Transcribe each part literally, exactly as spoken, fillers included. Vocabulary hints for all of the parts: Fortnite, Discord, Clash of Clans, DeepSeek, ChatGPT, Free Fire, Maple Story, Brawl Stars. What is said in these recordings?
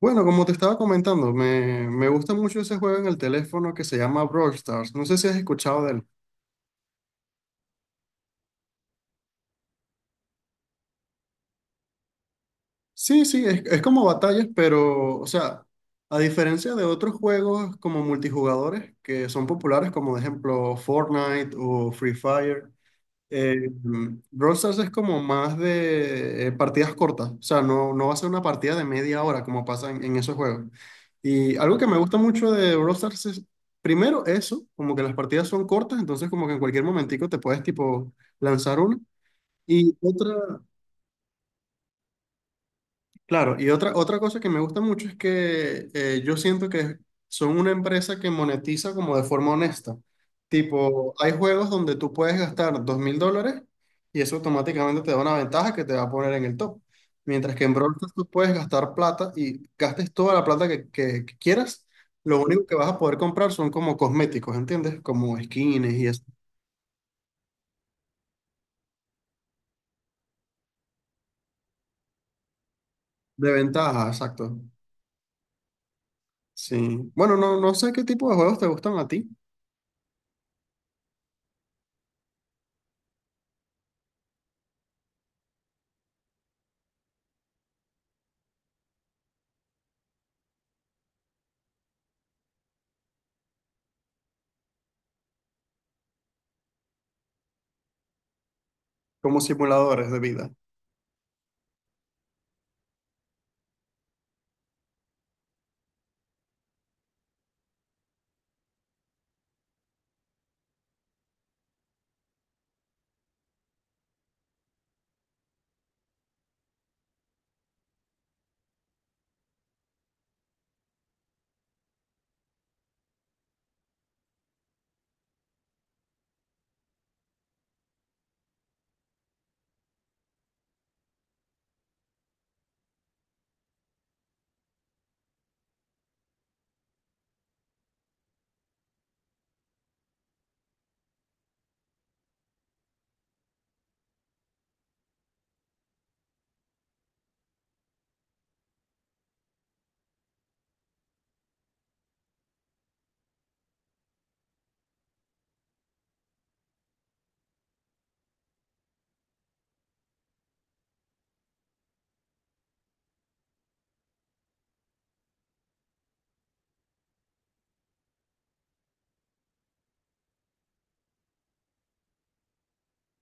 Bueno, como te estaba comentando, me, me gusta mucho ese juego en el teléfono que se llama Brawl Stars. No sé si has escuchado de él. Sí, sí, es, es como batallas, pero, o sea, a diferencia de otros juegos como multijugadores que son populares, como de ejemplo Fortnite o Free Fire. Eh, Brawl Stars es como más de eh, partidas cortas, o sea, no, no va a ser una partida de media hora como pasa en, en, esos juegos. Y algo que me gusta mucho de Brawl Stars es, primero, eso, como que las partidas son cortas, entonces como que en cualquier momentico te puedes tipo lanzar una. Y otra, Claro, y otra, otra cosa que me gusta mucho es que eh, yo siento que son una empresa que monetiza como de forma honesta. Tipo, hay juegos donde tú puedes gastar dos mil dólares y eso automáticamente te da una ventaja que te va a poner en el top. Mientras que en Brawl Stars tú puedes gastar plata y gastes toda la plata que, que- que quieras, lo único que vas a poder comprar son como cosméticos, ¿entiendes? Como skins y eso. De ventaja, exacto. Sí. Bueno, no, no sé qué tipo de juegos te gustan a ti, como simuladores de vida.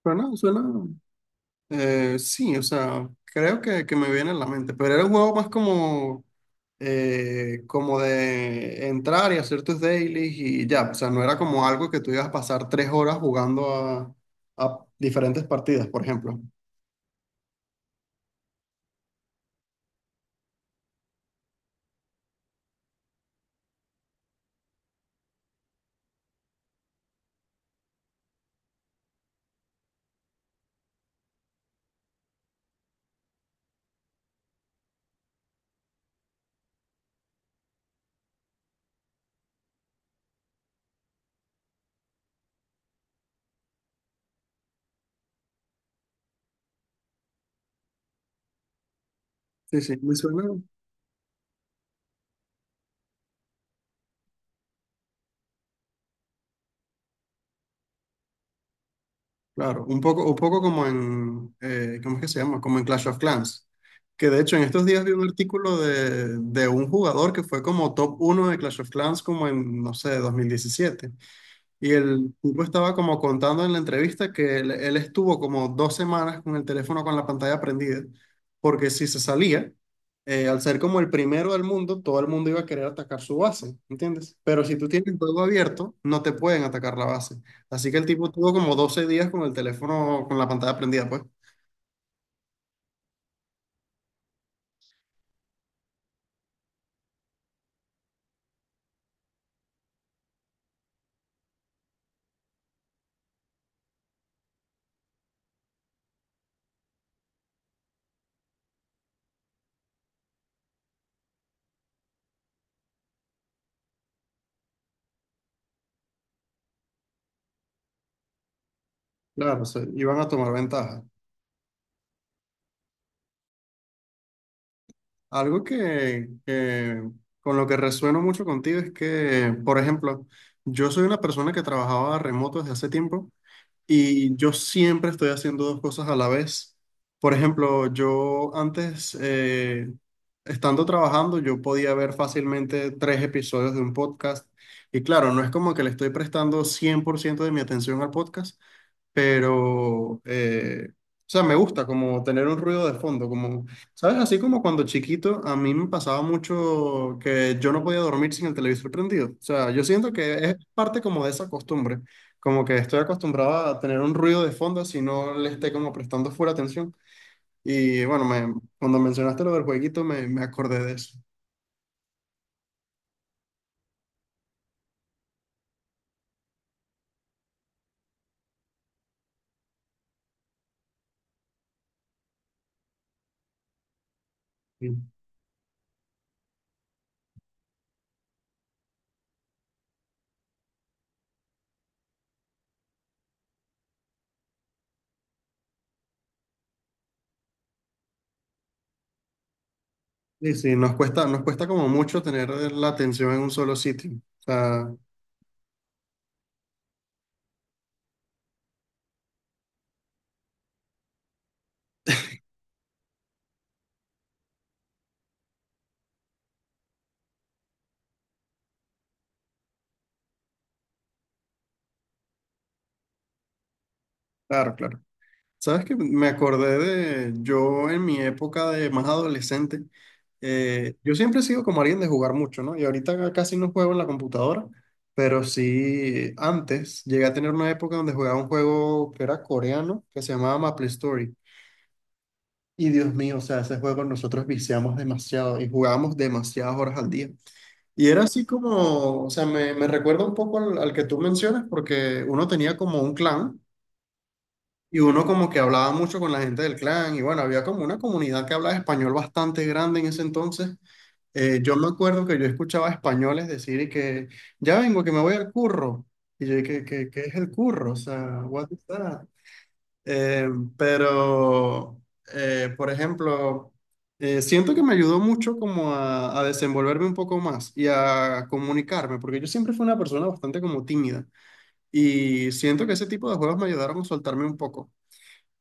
Suena, suena. eh, sí, o sea, creo que, que me viene en la mente, pero era un juego más como, eh, como de entrar y hacer tus dailies y ya, o sea, no era como algo que tú ibas a pasar tres horas jugando a, a, diferentes partidas, por ejemplo. Sí, sí, me suena, claro, un poco, un poco como en, eh, ¿cómo es que se llama? Como en Clash of Clans, que de hecho en estos días vi un artículo de, de un jugador que fue como top uno de Clash of Clans como en, no sé, dos mil diecisiete. Y el tipo estaba como contando en la entrevista que él, él estuvo como dos semanas con el teléfono con la pantalla prendida, porque si se salía, eh, al ser como el primero del mundo, todo el mundo iba a querer atacar su base, ¿entiendes? Pero si tú tienes el juego abierto, no te pueden atacar la base. Así que el tipo tuvo como doce días con el teléfono con la pantalla prendida, pues. Claro, se- iban a tomar ventaja. Algo que, que con lo que resueno mucho contigo es que, por ejemplo, yo soy una persona que trabajaba remoto desde hace tiempo. Y yo siempre estoy haciendo dos cosas a la vez. Por ejemplo, yo antes, eh, estando trabajando, yo podía ver fácilmente tres episodios de un podcast. Y claro, no es como que le estoy prestando cien por ciento de mi atención al podcast, pero, eh, o sea, me gusta como tener un ruido de fondo, como, ¿sabes? Así como cuando chiquito a mí me pasaba mucho que yo no podía dormir sin el televisor prendido. O sea, yo siento que es parte como de esa costumbre, como que estoy acostumbrado a tener un ruido de fondo si no le esté como prestando full atención. Y bueno, me, cuando mencionaste lo del jueguito me, me acordé de eso. Sí, sí, sí, nos cuesta, nos cuesta como mucho tener la atención en un solo sitio. O sea, claro, claro. Sabes que me acordé de yo en mi época de más adolescente. eh, yo siempre he sido como alguien de jugar mucho, ¿no? Y ahorita casi no juego en la computadora, pero sí antes llegué a tener una época donde jugaba un juego que era coreano, que se llamaba Maple Story. Y Dios mío, o sea, ese juego nosotros viciamos demasiado y jugábamos demasiadas horas al día. Y era así como, o sea, me, me recuerda un poco al al que tú mencionas, porque uno tenía como un clan. Y uno como que hablaba mucho con la gente del clan y bueno, había como una comunidad que hablaba español bastante grande en ese entonces. Eh, yo me acuerdo que yo escuchaba españoles decir y que ya vengo, que me voy al curro. Y yo, ¿qué, qué, qué es el curro? O sea, what is that? Eh, pero, eh, por ejemplo, eh, siento que me ayudó mucho como a, a desenvolverme un poco más y a comunicarme, porque yo siempre fui una persona bastante como tímida y siento que ese tipo de juegos me ayudaron a soltarme un poco.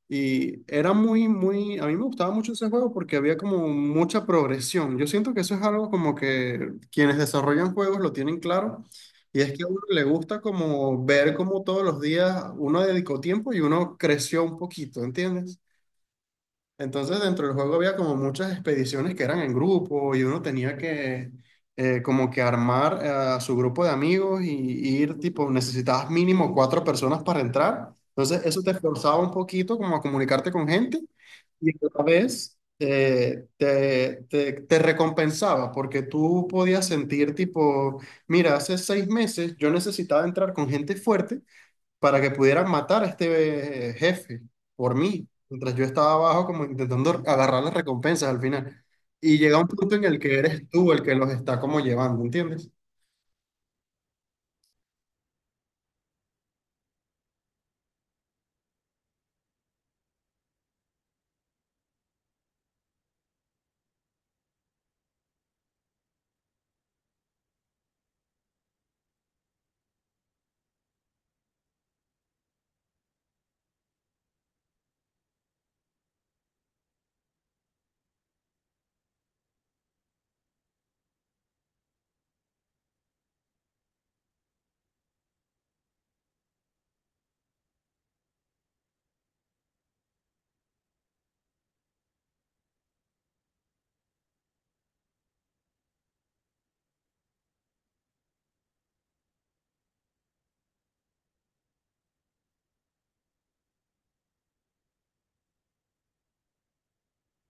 Y era muy, muy, a mí me gustaba mucho ese juego porque había como mucha progresión. Yo siento que eso es algo como que quienes desarrollan juegos lo tienen claro. Y es que a uno le gusta como ver cómo todos los días uno dedicó tiempo y uno creció un poquito, ¿entiendes? Entonces, dentro del juego había como muchas expediciones que eran en grupo y uno tenía que eh, como que armar eh, a su grupo de amigos y, y ir tipo, necesitabas mínimo cuatro personas para entrar. Entonces, eso te esforzaba un poquito como a comunicarte con gente y a la vez eh, te, te, te recompensaba porque tú podías sentir tipo, mira, hace seis meses yo necesitaba entrar con gente fuerte para que pudieran matar a este eh, jefe por mí, mientras yo estaba abajo como intentando agarrar las recompensas al final. Y llega un punto en el que eres tú el que los está como llevando, ¿entiendes?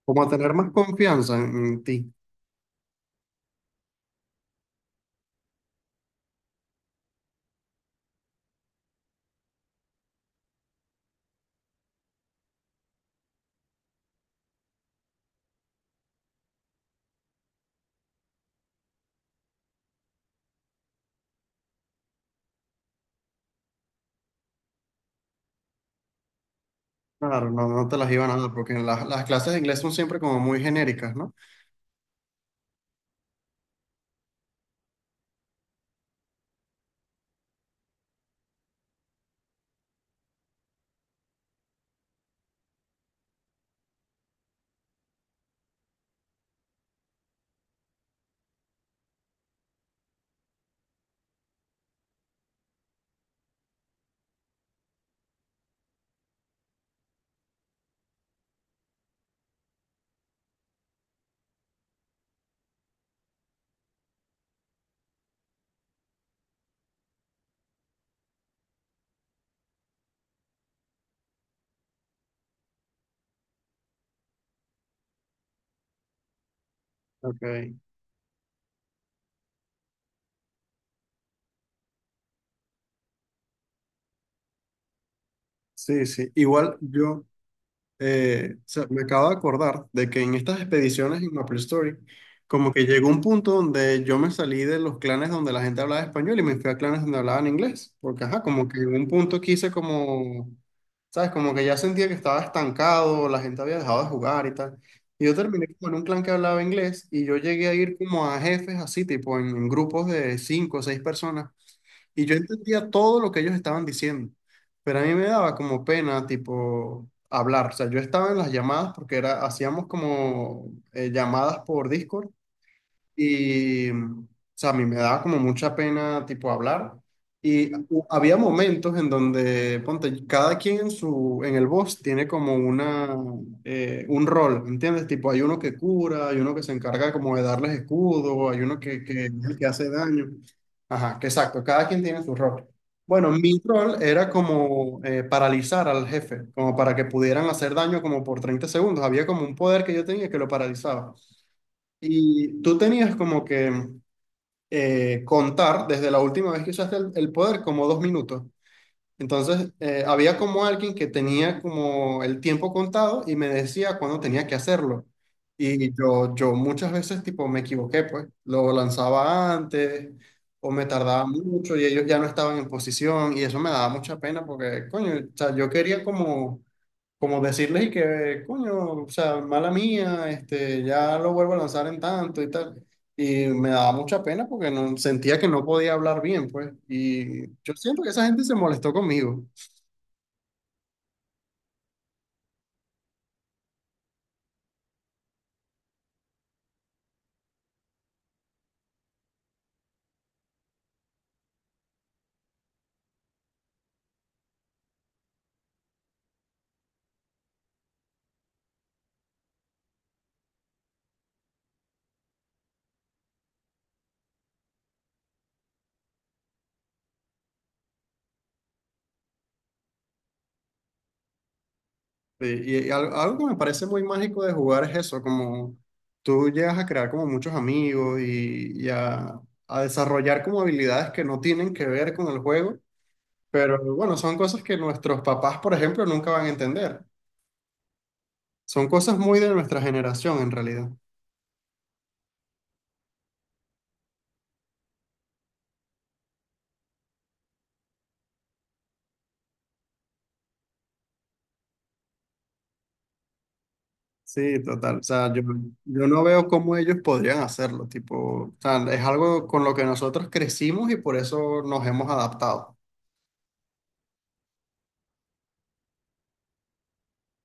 Como a tener más confianza en, en ti. Claro, no, no te las iban a dar, porque las, las clases de inglés son siempre como muy genéricas, ¿no? Ok, sí, sí. Igual yo, eh, o sea, me acabo de acordar de que en estas expediciones en MapleStory, como que llegó un punto donde yo me salí de los clanes donde la gente hablaba español y me fui a clanes donde hablaban inglés, porque ajá, como que en un punto quise como, ¿sabes? Como que ya sentía que estaba estancado, la gente había dejado de jugar y tal. Y yo terminé como en un clan que hablaba inglés y yo llegué a ir como a jefes así, tipo en, en grupos de cinco o seis personas. Y yo entendía todo lo que ellos estaban diciendo, pero a mí me daba como pena, tipo, hablar. O sea, yo estaba en las llamadas porque era, hacíamos como eh, llamadas por Discord y, o sea, a mí me daba como mucha pena, tipo, hablar. Y hu- había momentos en donde, ponte, cada quien en su, en el boss tiene como una, eh, un rol, ¿entiendes? Tipo, hay uno que cura, hay uno que se encarga como de darles escudo, hay uno que, que es el que hace daño. Ajá, que exacto, cada quien tiene su rol. Bueno, mi rol era como eh, paralizar al jefe, como para que pudieran hacer daño como por treinta segundos. Había como un poder que yo tenía que lo paralizaba. Y tú tenías como que eh, contar desde la última vez que usaste el, el poder como dos minutos. Entonces, eh, había como alguien que tenía como el tiempo contado y me decía cuándo tenía que hacerlo. Y yo, yo muchas veces tipo me equivoqué, pues lo lanzaba antes o me tardaba mucho y ellos ya no estaban en posición y eso me daba mucha pena porque, coño, o sea, yo quería como como decirles y que, coño, o sea, mala mía, este, ya lo vuelvo a lanzar en tanto y tal. Y me daba mucha pena porque no, sentía que no podía hablar bien, pues. Y yo siento que esa gente se molestó conmigo. Sí. Y, y al- algo que me parece muy mágico de jugar es eso, como tú llegas a crear como muchos amigos y, y a, a, desarrollar como habilidades que no tienen que ver con el juego. Pero bueno, son cosas que nuestros papás, por ejemplo, nunca van a entender. Son cosas muy de nuestra generación en realidad. Sí, total. O sea, yo, yo no veo cómo ellos podrían hacerlo. Tipo, o sea, es algo con lo que nosotros crecimos y por eso nos hemos adaptado.